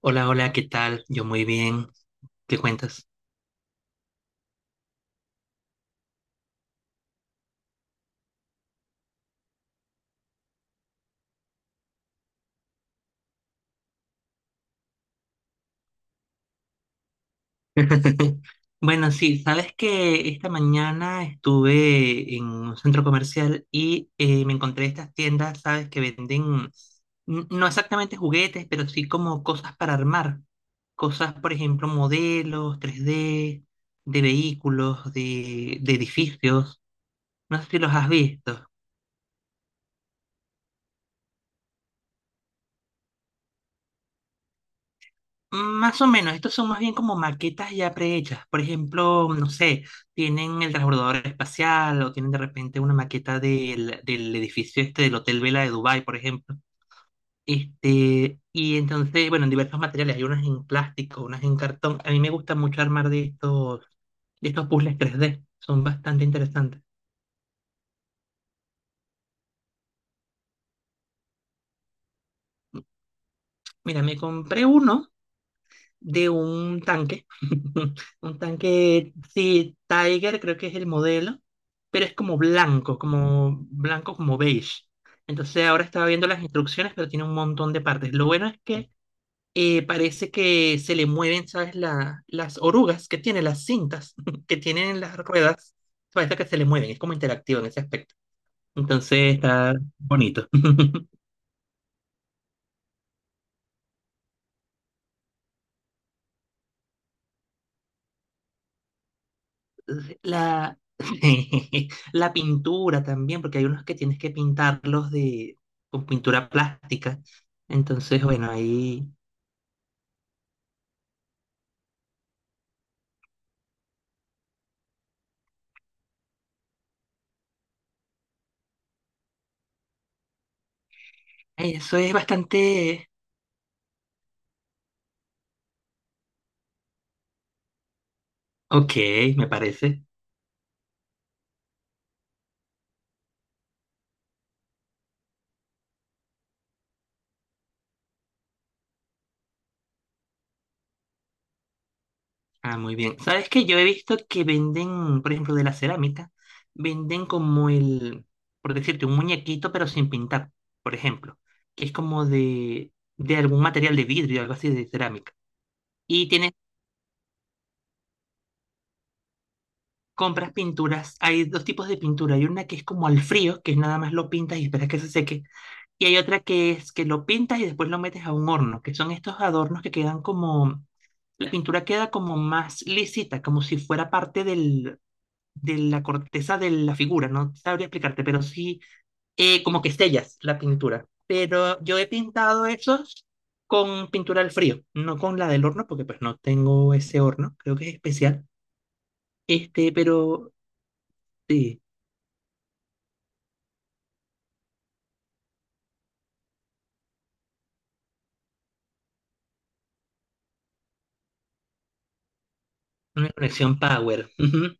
Hola, hola, ¿qué tal? Yo muy bien. ¿Qué cuentas? Bueno, sí, sabes que esta mañana estuve en un centro comercial y me encontré estas tiendas, sabes, que venden no exactamente juguetes, pero sí como cosas para armar. Cosas, por ejemplo, modelos 3D, de vehículos, de edificios. No sé si los has visto. Más o menos, estos son más bien como maquetas ya prehechas. Por ejemplo, no sé, tienen el transbordador espacial o tienen de repente una maqueta del edificio este del Hotel Vela de Dubái, por ejemplo. Y entonces, bueno, en diversos materiales, hay unas en plástico, unas en cartón. A mí me gusta mucho armar de estos puzzles 3D, son bastante interesantes. Mira, me compré uno de un tanque, un tanque, sí, Tiger creo que es el modelo, pero es como blanco, como blanco, como beige. Entonces ahora estaba viendo las instrucciones, pero tiene un montón de partes. Lo bueno es que parece que se le mueven, ¿sabes? Las orugas que tiene, las cintas que tienen las ruedas, parece que se le mueven, es como interactivo en ese aspecto. Entonces está bonito. La, la pintura también, porque hay unos que tienes que pintarlos de, con pintura plástica. Entonces, bueno, ahí eso es bastante. Ok, me parece. Ah, muy bien. ¿Sabes que yo he visto que venden, por ejemplo, de la cerámica, venden como el, por decirte, un muñequito pero sin pintar, por ejemplo, que es como de algún material de vidrio, algo así de cerámica. Y tiene compras pinturas, hay dos tipos de pintura. Hay una que es como al frío, que es nada más lo pintas y esperas que se seque. Y hay otra que es que lo pintas y después lo metes a un horno, que son estos adornos que quedan como, la pintura queda como más lisita, como si fuera parte del, de la corteza de la figura. No sabría explicarte, pero sí, como que sellas la pintura. Pero yo he pintado esos con pintura al frío, no con la del horno, porque pues no tengo ese horno, creo que es especial. Pero sí. Una conexión power. Ujú.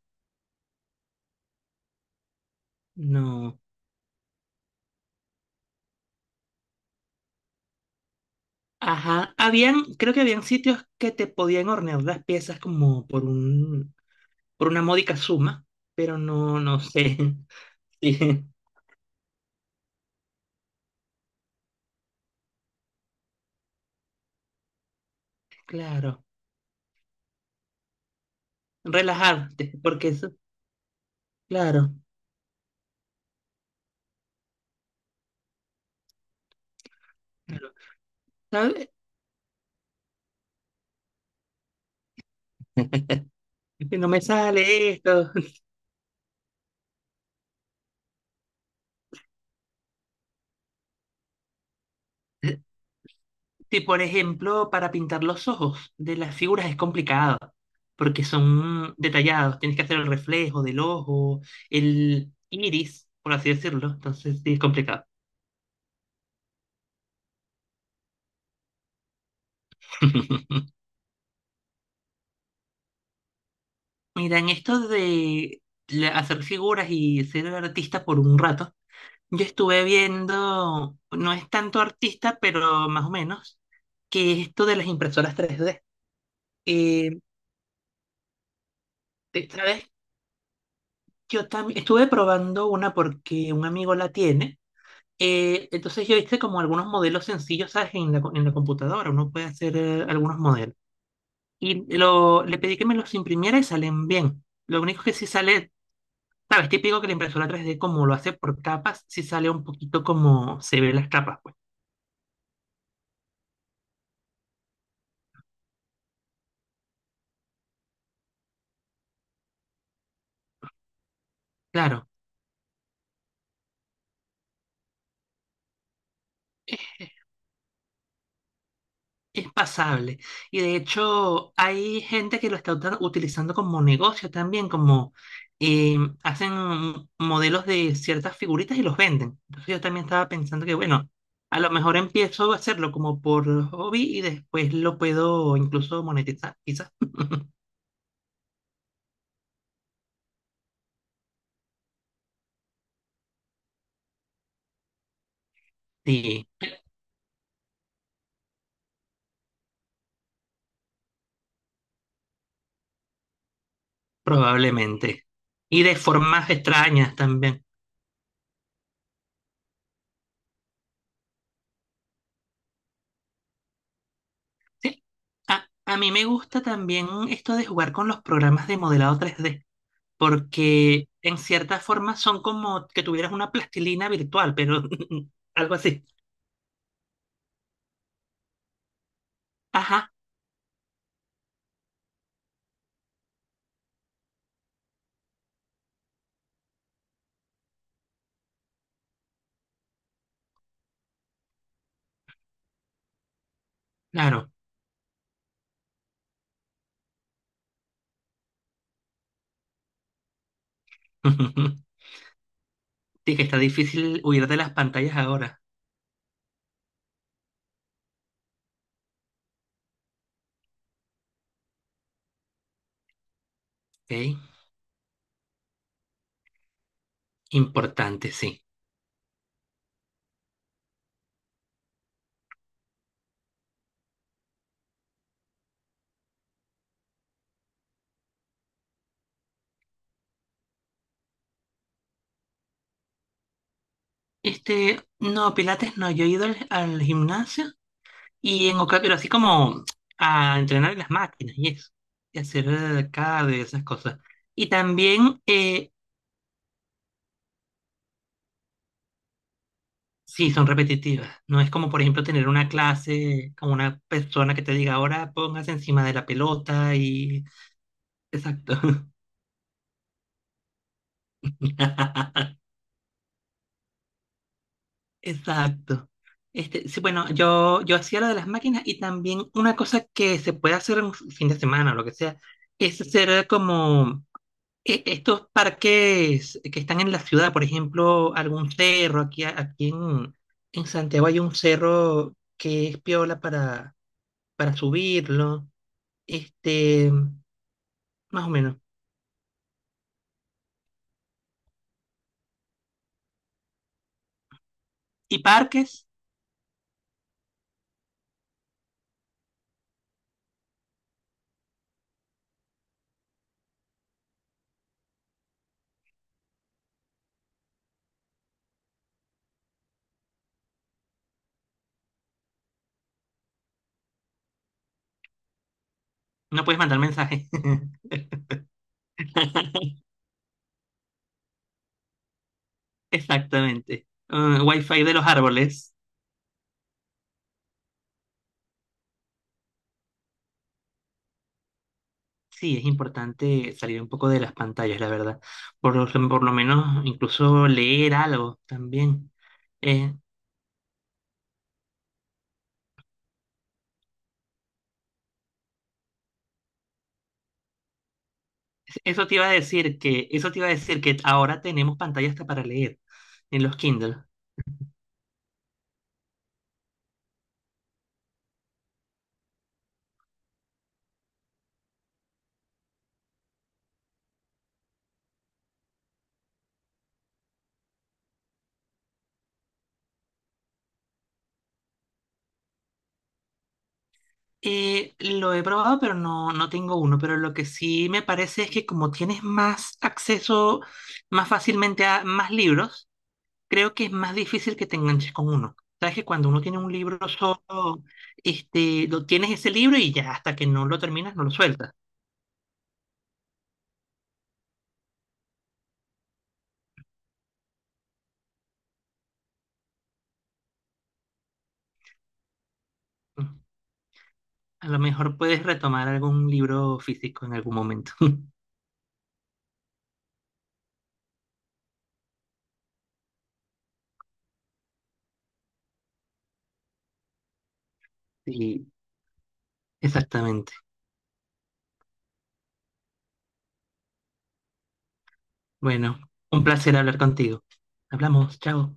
No. Ajá. Habían, creo que habían sitios que te podían hornear las piezas como por una módica suma, pero no, no sé. Sí, claro. Relajarte, porque eso, claro. Claro. ¿Sabes? Que no me sale esto. Sí, por ejemplo, para pintar los ojos de las figuras es complicado, porque son detallados, tienes que hacer el reflejo del ojo, el iris, por así decirlo, entonces sí es complicado. Mira, en esto de hacer figuras y ser artista por un rato, yo estuve viendo, no es tanto artista, pero más o menos, que esto de las impresoras 3D. Eh, ¿Sabes? Yo también estuve probando una porque un amigo la tiene. Entonces yo hice como algunos modelos sencillos, ¿sabes? En la computadora, uno puede hacer algunos modelos. Y le pedí que me los imprimiera y salen bien. Lo único que sí sale, ¿sabes? Típico que la impresora 3D como lo hace por capas, sí sale un poquito como se ve las capas, pues. Claro. Es pasable. Y de hecho, hay gente que lo está utilizando como negocio también, como eh, hacen modelos de ciertas figuritas y los venden. Entonces yo también estaba pensando que, bueno, a lo mejor empiezo a hacerlo como por hobby y después lo puedo incluso monetizar, quizás. Sí, probablemente. Y de formas extrañas también. Sí. A mí me gusta también esto de jugar con los programas de modelado 3D porque en cierta forma son como que tuvieras una plastilina virtual, pero algo así. Ajá, claro. Sí, que está difícil huir de las pantallas ahora. Ok, importante, sí. No, Pilates no, yo he ido al gimnasio y pero así como a entrenar en las máquinas y eso, y hacer cada de esas cosas. Y también. Sí, son repetitivas. No es como, por ejemplo, tener una clase con una persona que te diga, ahora póngase encima de la pelota y. Exacto. Exacto. Sí, bueno, yo hacía lo de las máquinas y también una cosa que se puede hacer en un fin de semana o lo que sea, es hacer como estos parques que están en la ciudad, por ejemplo, algún cerro, aquí en Santiago hay un cerro que es piola para subirlo. Este, Más o menos. Y parques, no puedes mandar mensajes. Exactamente. Wi-Fi de los árboles. Sí, es importante salir un poco de las pantallas, la verdad. Por lo menos incluso leer algo también. Eh, Eso te iba a decir que ahora tenemos pantallas hasta para leer en los Kindle. Lo he probado, pero no, no tengo uno. Pero lo que sí me parece es que como tienes más acceso más fácilmente a más libros, creo que es más difícil que te enganches con uno. Sabes que cuando uno tiene un libro solo, lo tienes ese libro y ya hasta que no lo terminas, no lo sueltas. A lo mejor puedes retomar algún libro físico en algún momento. Sí, exactamente. Bueno, un placer hablar contigo. Hablamos, chao.